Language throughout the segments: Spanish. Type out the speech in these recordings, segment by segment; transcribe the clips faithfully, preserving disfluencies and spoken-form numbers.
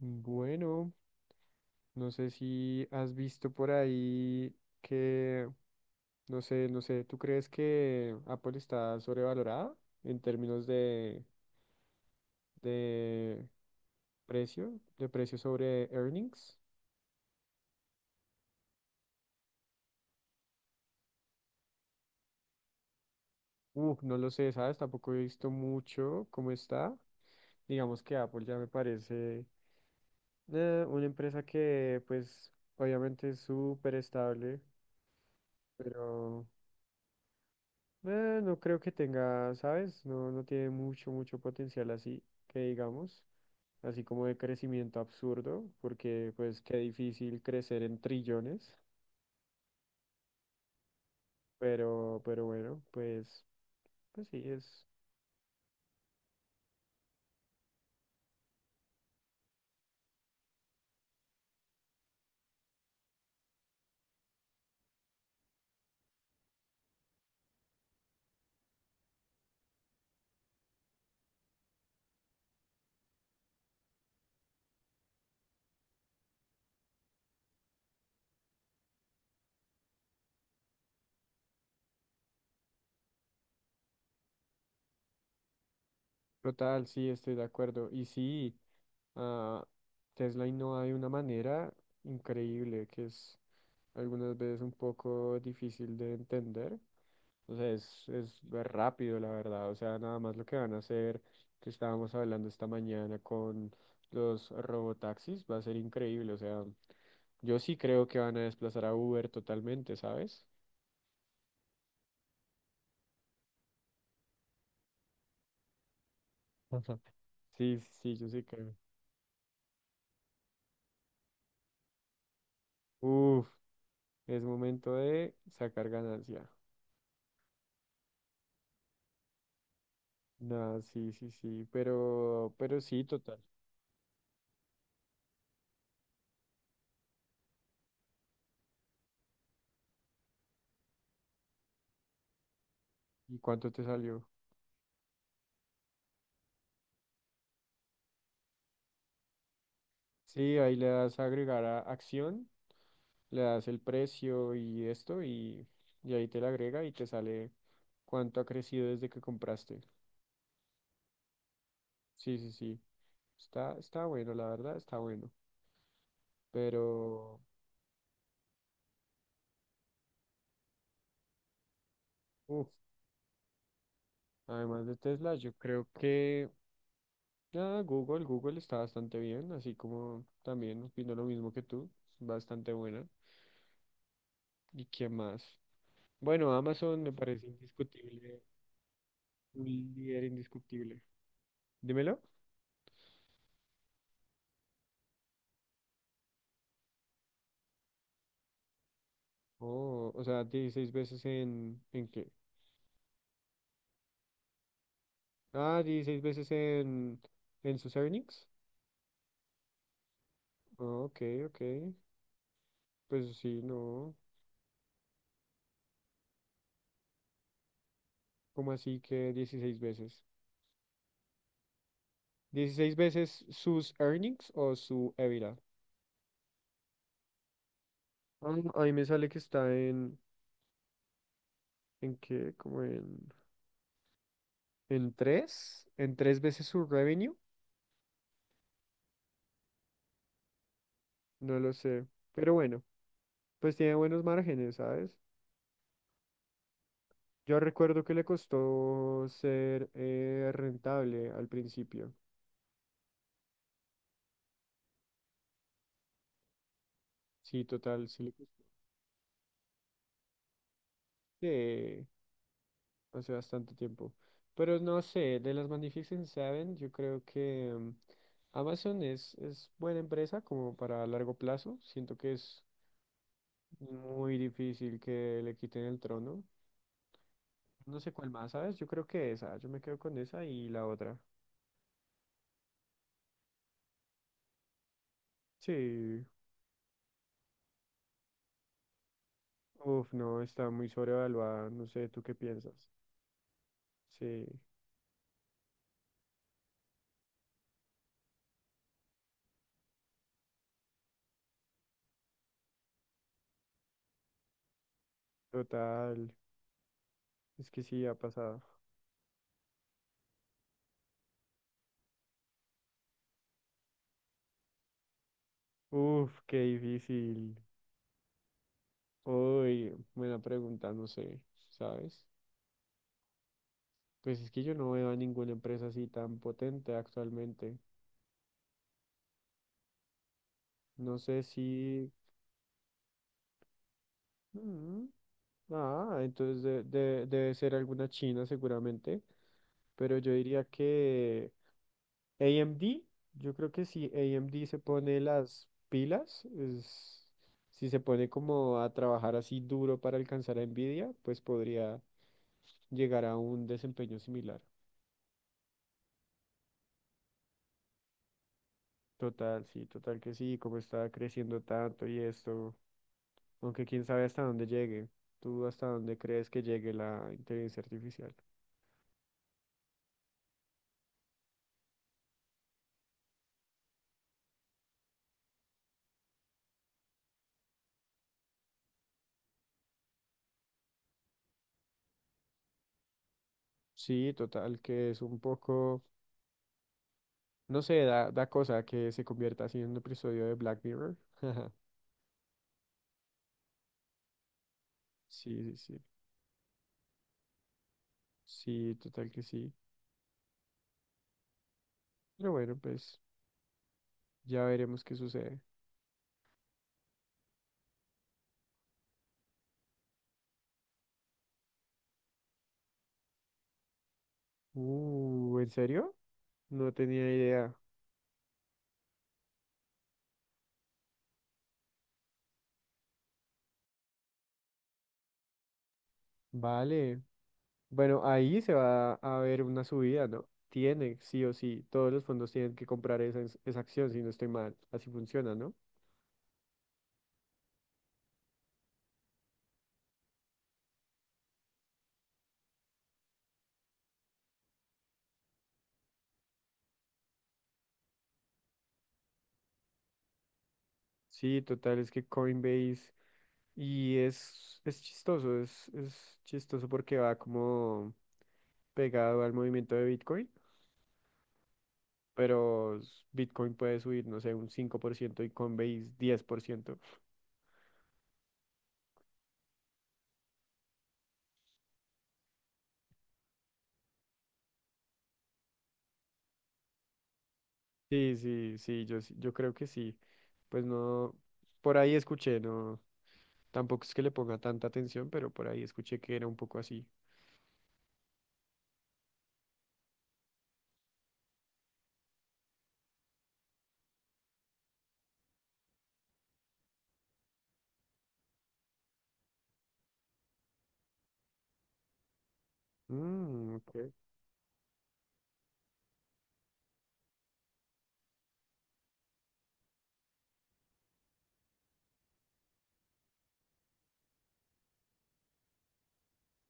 Bueno, no sé si has visto por ahí que, no sé, no sé, ¿tú crees que Apple está sobrevalorada en términos de, de precio, de precio sobre earnings? Uh, no lo sé, ¿sabes? Tampoco he visto mucho cómo está. Digamos que Apple ya me parece eh, una empresa que, pues, obviamente es súper estable, pero. Eh, no creo que tenga, ¿sabes? No, no tiene mucho, mucho potencial así, que digamos, así como de crecimiento absurdo, porque pues qué difícil crecer en trillones, pero, pero bueno, pues, pues sí, es total, sí, estoy de acuerdo. Y sí, ah, Tesla innova de una manera increíble, que es algunas veces un poco difícil de entender. O sea, es, es rápido, la verdad. O sea, nada más lo que van a hacer, que estábamos hablando esta mañana con los robotaxis, va a ser increíble. O sea, yo sí creo que van a desplazar a Uber totalmente, ¿sabes? Ujú. Sí, sí, sí, yo sí creo. Uf, es momento de sacar ganancia. Nada, sí, sí, sí, pero, pero sí, total. ¿Y cuánto te salió? Sí, ahí le das a agregar a acción, le das el precio y esto, y, y ahí te la agrega y te sale cuánto ha crecido desde que compraste. Sí, sí, sí. Está, está bueno, la verdad, está bueno. Pero, uff además de Tesla, yo creo que ah, Google, Google está bastante bien, así como también opino lo mismo que tú, bastante buena. ¿Y qué más? Bueno, Amazon me parece indiscutible, un líder indiscutible. Dímelo. Oh, o sea, dieciséis veces en, ¿en qué? Ah, dieciséis veces en, en sus earnings. Oh, ok, ok. Pues sí, no. ¿Cómo así que dieciséis veces? ¿Dieciséis veces sus earnings o su EBITDA? Ah, ahí me sale que está en, ¿en qué? Como en, en tres, en tres veces su revenue, no lo sé. Pero bueno, pues tiene buenos márgenes, ¿sabes? Yo recuerdo que le costó ser eh, rentable al principio. Sí, total, sí le costó. Sí, hace bastante tiempo. Pero no sé, de las Magnificent Seven, yo creo que mm, Amazon es, es buena empresa como para largo plazo. Siento que es muy difícil que le quiten el trono. No sé cuál más, ¿sabes? Yo creo que esa, yo me quedo con esa y la otra. Sí, uf, no, está muy sobrevaluada, no sé, ¿tú qué piensas? Sí, total, es que sí, ha pasado. Uf, qué difícil. Uy, buena pregunta, no sé, ¿sabes? Pues es que yo no veo a ninguna empresa así tan potente actualmente. No sé si. Mm, Ah, entonces de- de- debe ser alguna china seguramente, pero yo diría que A M D, yo creo que si A M D se pone las pilas, es- si se pone como a trabajar así duro para alcanzar a Nvidia, pues podría llegar a un desempeño similar. Total, sí, total que sí, como está creciendo tanto y esto. Aunque quién sabe hasta dónde llegue. ¿Tú hasta dónde crees que llegue la inteligencia artificial? Sí, total, que es un poco, no sé, da, da cosa que se convierta así en un episodio de Black Mirror. Sí, sí, sí. Sí, total que sí. Pero bueno, pues ya veremos qué sucede. Uh, ¿en serio? No tenía idea. Vale. Bueno, ahí se va a ver una subida, ¿no? Tiene, sí o sí. Todos los fondos tienen que comprar esa, esa acción, si no estoy mal. Así funciona, ¿no? Sí, total, es que Coinbase y es, es chistoso, es, es chistoso porque va como pegado al movimiento de Bitcoin, pero s- Bitcoin puede subir, no sé, un cinco por ciento y Coinbase diez por ciento. Sí, sí, sí, yo, sí- yo creo que sí. Pues no, por ahí escuché, no, tampoco es que le ponga tanta atención, pero por ahí escuché que era un poco así. Mm, ok.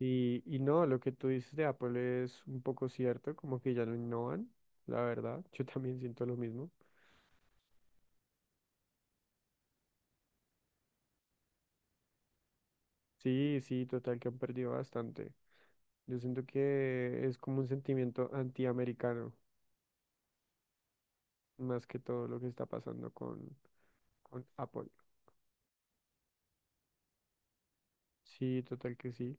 Y, y no, lo que tú dices de Apple es un poco cierto, como que ya no innovan, la verdad. Yo también siento lo mismo. Sí, sí, total, que han perdido bastante. Yo siento que es como un sentimiento antiamericano, más que todo lo que está pasando con, con Apple. Sí, total que sí.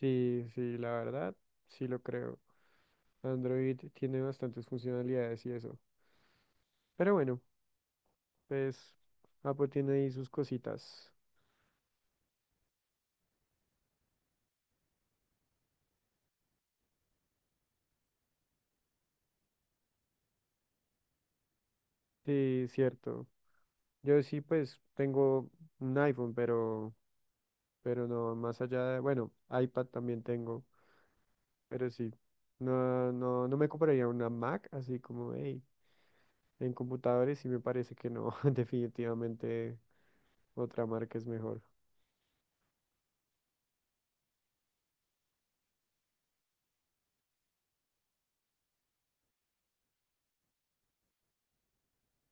Sí, sí, la verdad, sí lo creo. Android tiene bastantes funcionalidades y eso. Pero bueno, pues Apple tiene ahí sus cositas. Sí, cierto. Yo sí, pues tengo un iPhone, pero, pero, no, más allá de, bueno, iPad también tengo, pero sí, no, no, no me compraría una Mac, así como, hey, en computadores sí me parece que no, definitivamente otra marca es mejor.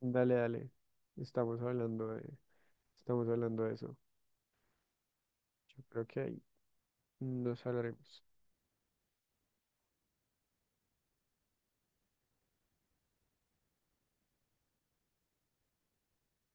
Dale, dale, estamos hablando de, estamos hablando de eso. Yo creo que ahí nos hablaremos.